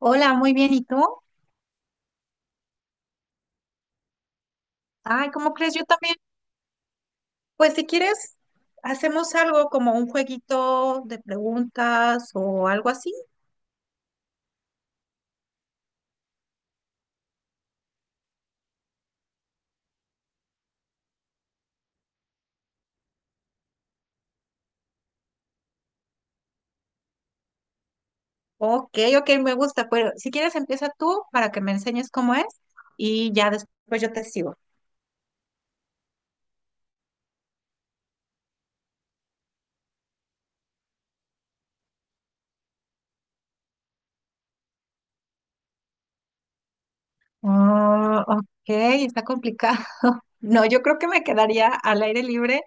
Hola, muy bien. ¿Y tú? Ay, ¿cómo crees? Yo también. Pues si quieres, hacemos algo como un jueguito de preguntas o algo así. Ok, ok, me gusta. Pero si quieres, empieza tú para que me enseñes cómo es y ya después yo te sigo. Oh, ok, está complicado. No, yo creo que me quedaría al aire libre.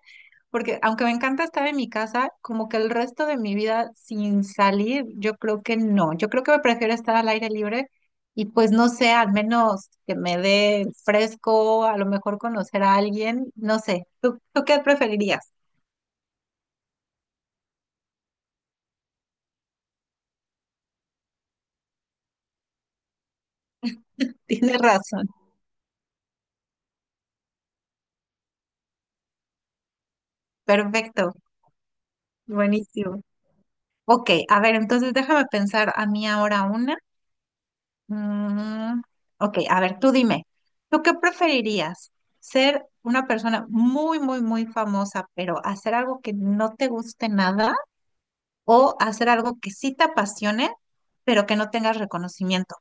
Porque aunque me encanta estar en mi casa, como que el resto de mi vida sin salir, yo creo que no. Yo creo que me prefiero estar al aire libre y pues no sé, al menos que me dé el fresco, a lo mejor conocer a alguien, no sé. ¿¿Tú qué preferirías? Tienes razón. Perfecto, buenísimo. Ok, a ver, entonces déjame pensar a mí ahora una. Mm, ok, a ver, tú dime, ¿tú qué preferirías? ¿Ser una persona muy, muy, muy famosa, pero hacer algo que no te guste nada o hacer algo que sí te apasione, pero que no tengas reconocimiento?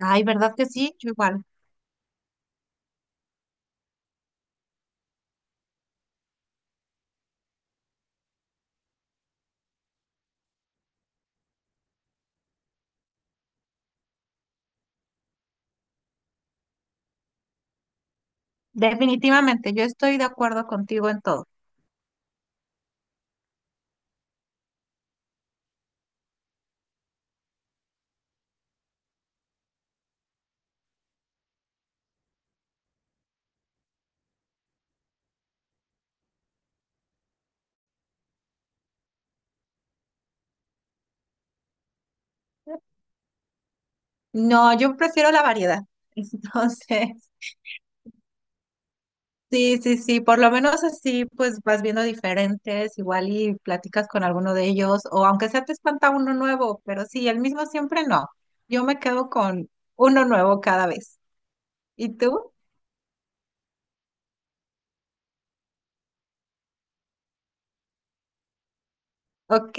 Ay, ¿verdad que sí? Yo igual. Definitivamente, yo estoy de acuerdo contigo en todo. No, yo prefiero la variedad. Entonces, sí, sí, sí, por lo menos así pues vas viendo diferentes, igual y platicas con alguno de ellos, o aunque sea te espanta uno nuevo, pero sí, el mismo siempre no. Yo me quedo con uno nuevo cada vez. ¿Y tú? Ok,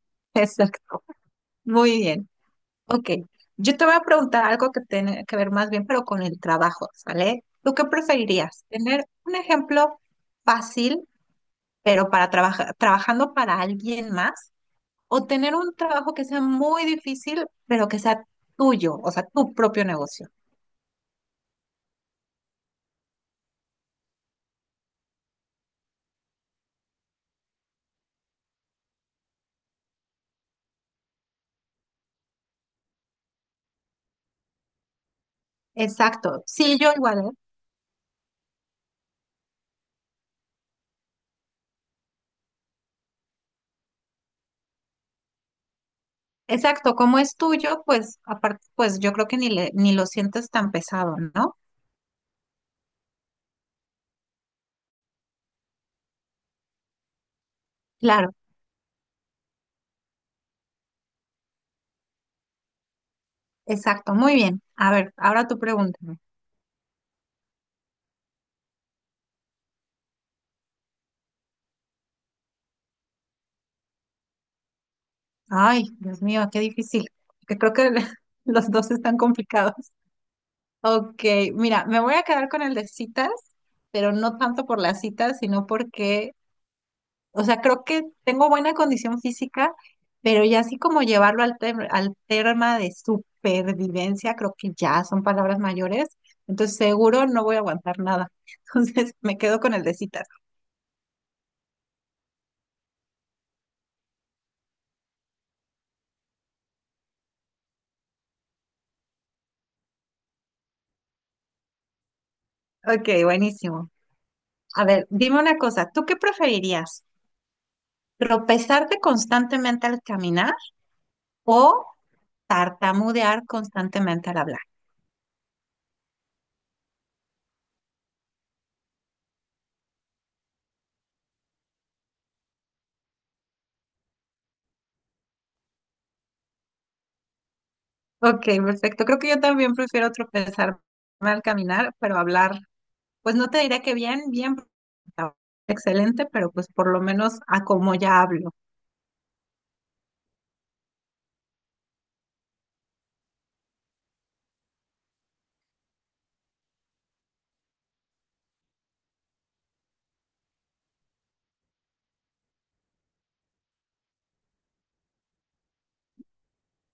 exacto. Muy bien. Ok, yo te voy a preguntar algo que tiene que ver más bien, pero con el trabajo, ¿sale? ¿Tú qué preferirías? ¿Tener un ejemplo fácil, pero para trabajar, trabajando para alguien más? ¿O tener un trabajo que sea muy difícil, pero que sea tuyo, o sea, tu propio negocio? Exacto. Sí, yo igual, ¿eh? Exacto, como es tuyo, pues aparte, pues yo creo que ni le, ni lo sientes tan pesado, ¿no? Claro, exacto, muy bien. A ver, ahora tú pregúntame. Ay, Dios mío, qué difícil, que creo que los dos están complicados. Ok, mira, me voy a quedar con el de citas, pero no tanto por las citas, sino porque, o sea, creo que tengo buena condición física, pero ya así como llevarlo al, al tema de supervivencia, creo que ya son palabras mayores. Entonces, seguro no voy a aguantar nada. Entonces, me quedo con el de citas. Ok, buenísimo. A ver, dime una cosa, ¿tú qué preferirías? ¿Tropezarte constantemente al caminar o tartamudear constantemente al hablar? Ok, perfecto. Creo que yo también prefiero tropezarme al caminar, pero hablar, pues no te diré que bien, bien, excelente, pero pues por lo menos a cómo ya hablo.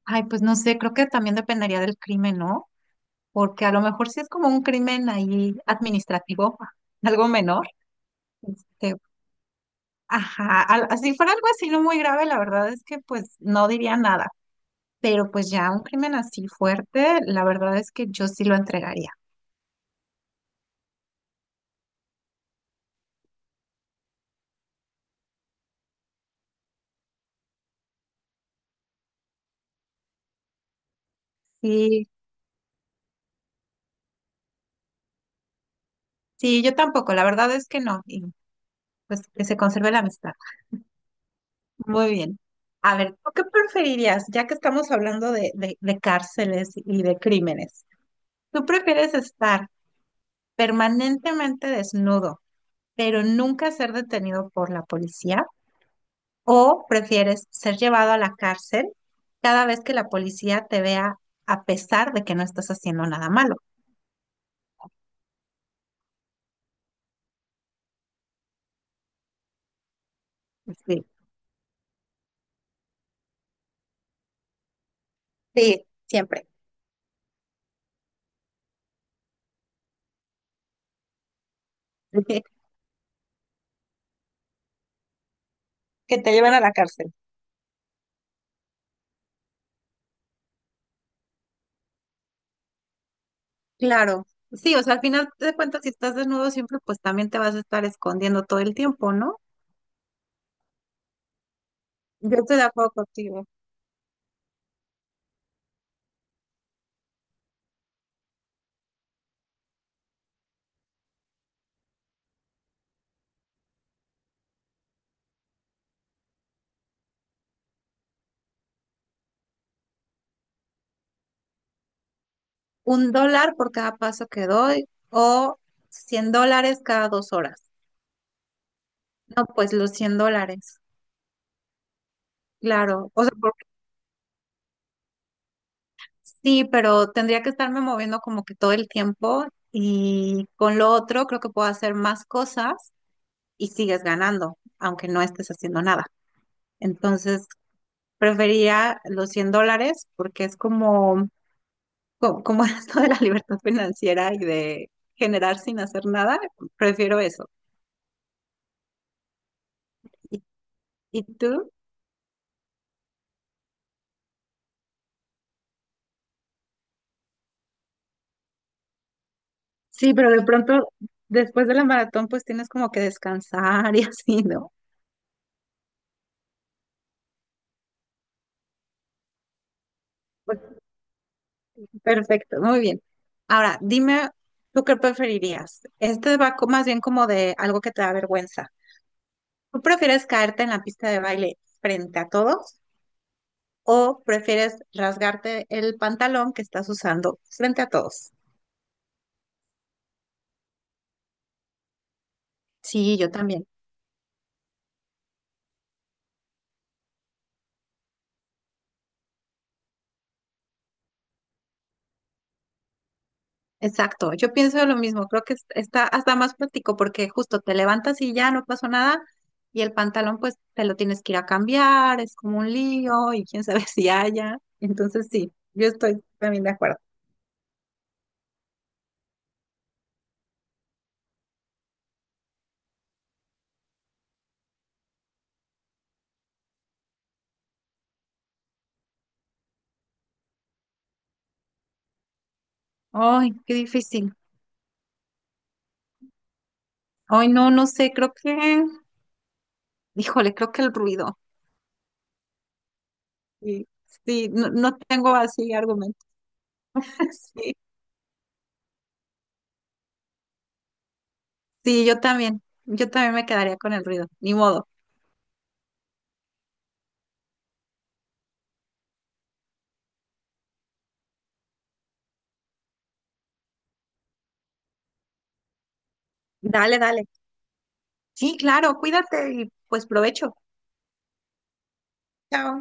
Ay, pues no sé, creo que también dependería del crimen, ¿no? Porque a lo mejor si es como un crimen ahí administrativo, algo menor, este, ajá, si fuera algo así no muy grave, la verdad es que pues no diría nada, pero pues ya un crimen así fuerte, la verdad es que yo sí lo entregaría. Sí, sí, yo tampoco, la verdad es que no, y pues que se conserve la amistad. Muy bien. A ver, ¿tú qué preferirías, ya que estamos hablando de cárceles y de crímenes? ¿Tú prefieres estar permanentemente desnudo, pero nunca ser detenido por la policía? ¿O prefieres ser llevado a la cárcel cada vez que la policía te vea a pesar de que no estás haciendo nada malo? Sí. Sí, siempre. Que te lleven a la cárcel. Claro, sí, o sea, al final de cuentas, si estás desnudo siempre, pues también te vas a estar escondiendo todo el tiempo, ¿no? Yo estoy de acuerdo contigo. ¿$1 por cada paso que doy o $100 cada 2 horas? No, pues los $100, claro. O sea, porque sí, pero tendría que estarme moviendo como que todo el tiempo y con lo otro creo que puedo hacer más cosas y sigues ganando, aunque no estés haciendo nada. Entonces, prefería los $100 porque es como, como esto de la libertad financiera y de generar sin hacer nada, prefiero eso. ¿Y tú? Sí, pero de pronto después de la maratón pues tienes como que descansar y así, ¿no? Pues, perfecto, muy bien. Ahora, dime, ¿tú qué preferirías? Este va más bien como de algo que te da vergüenza. ¿Tú prefieres caerte en la pista de baile frente a todos o prefieres rasgarte el pantalón que estás usando frente a todos? Sí, yo también. Exacto, yo pienso lo mismo, creo que está hasta más práctico porque justo te levantas y ya no pasó nada y el pantalón pues te lo tienes que ir a cambiar, es como un lío y quién sabe si haya. Entonces sí, yo estoy también de acuerdo. Ay, qué difícil. Ay, no, no sé, creo que, híjole, creo que el ruido. Sí, sí, no, no tengo así argumentos. Sí, sí, yo también me quedaría con el ruido, ni modo. Dale, dale. Sí, claro, cuídate y pues provecho. Chao.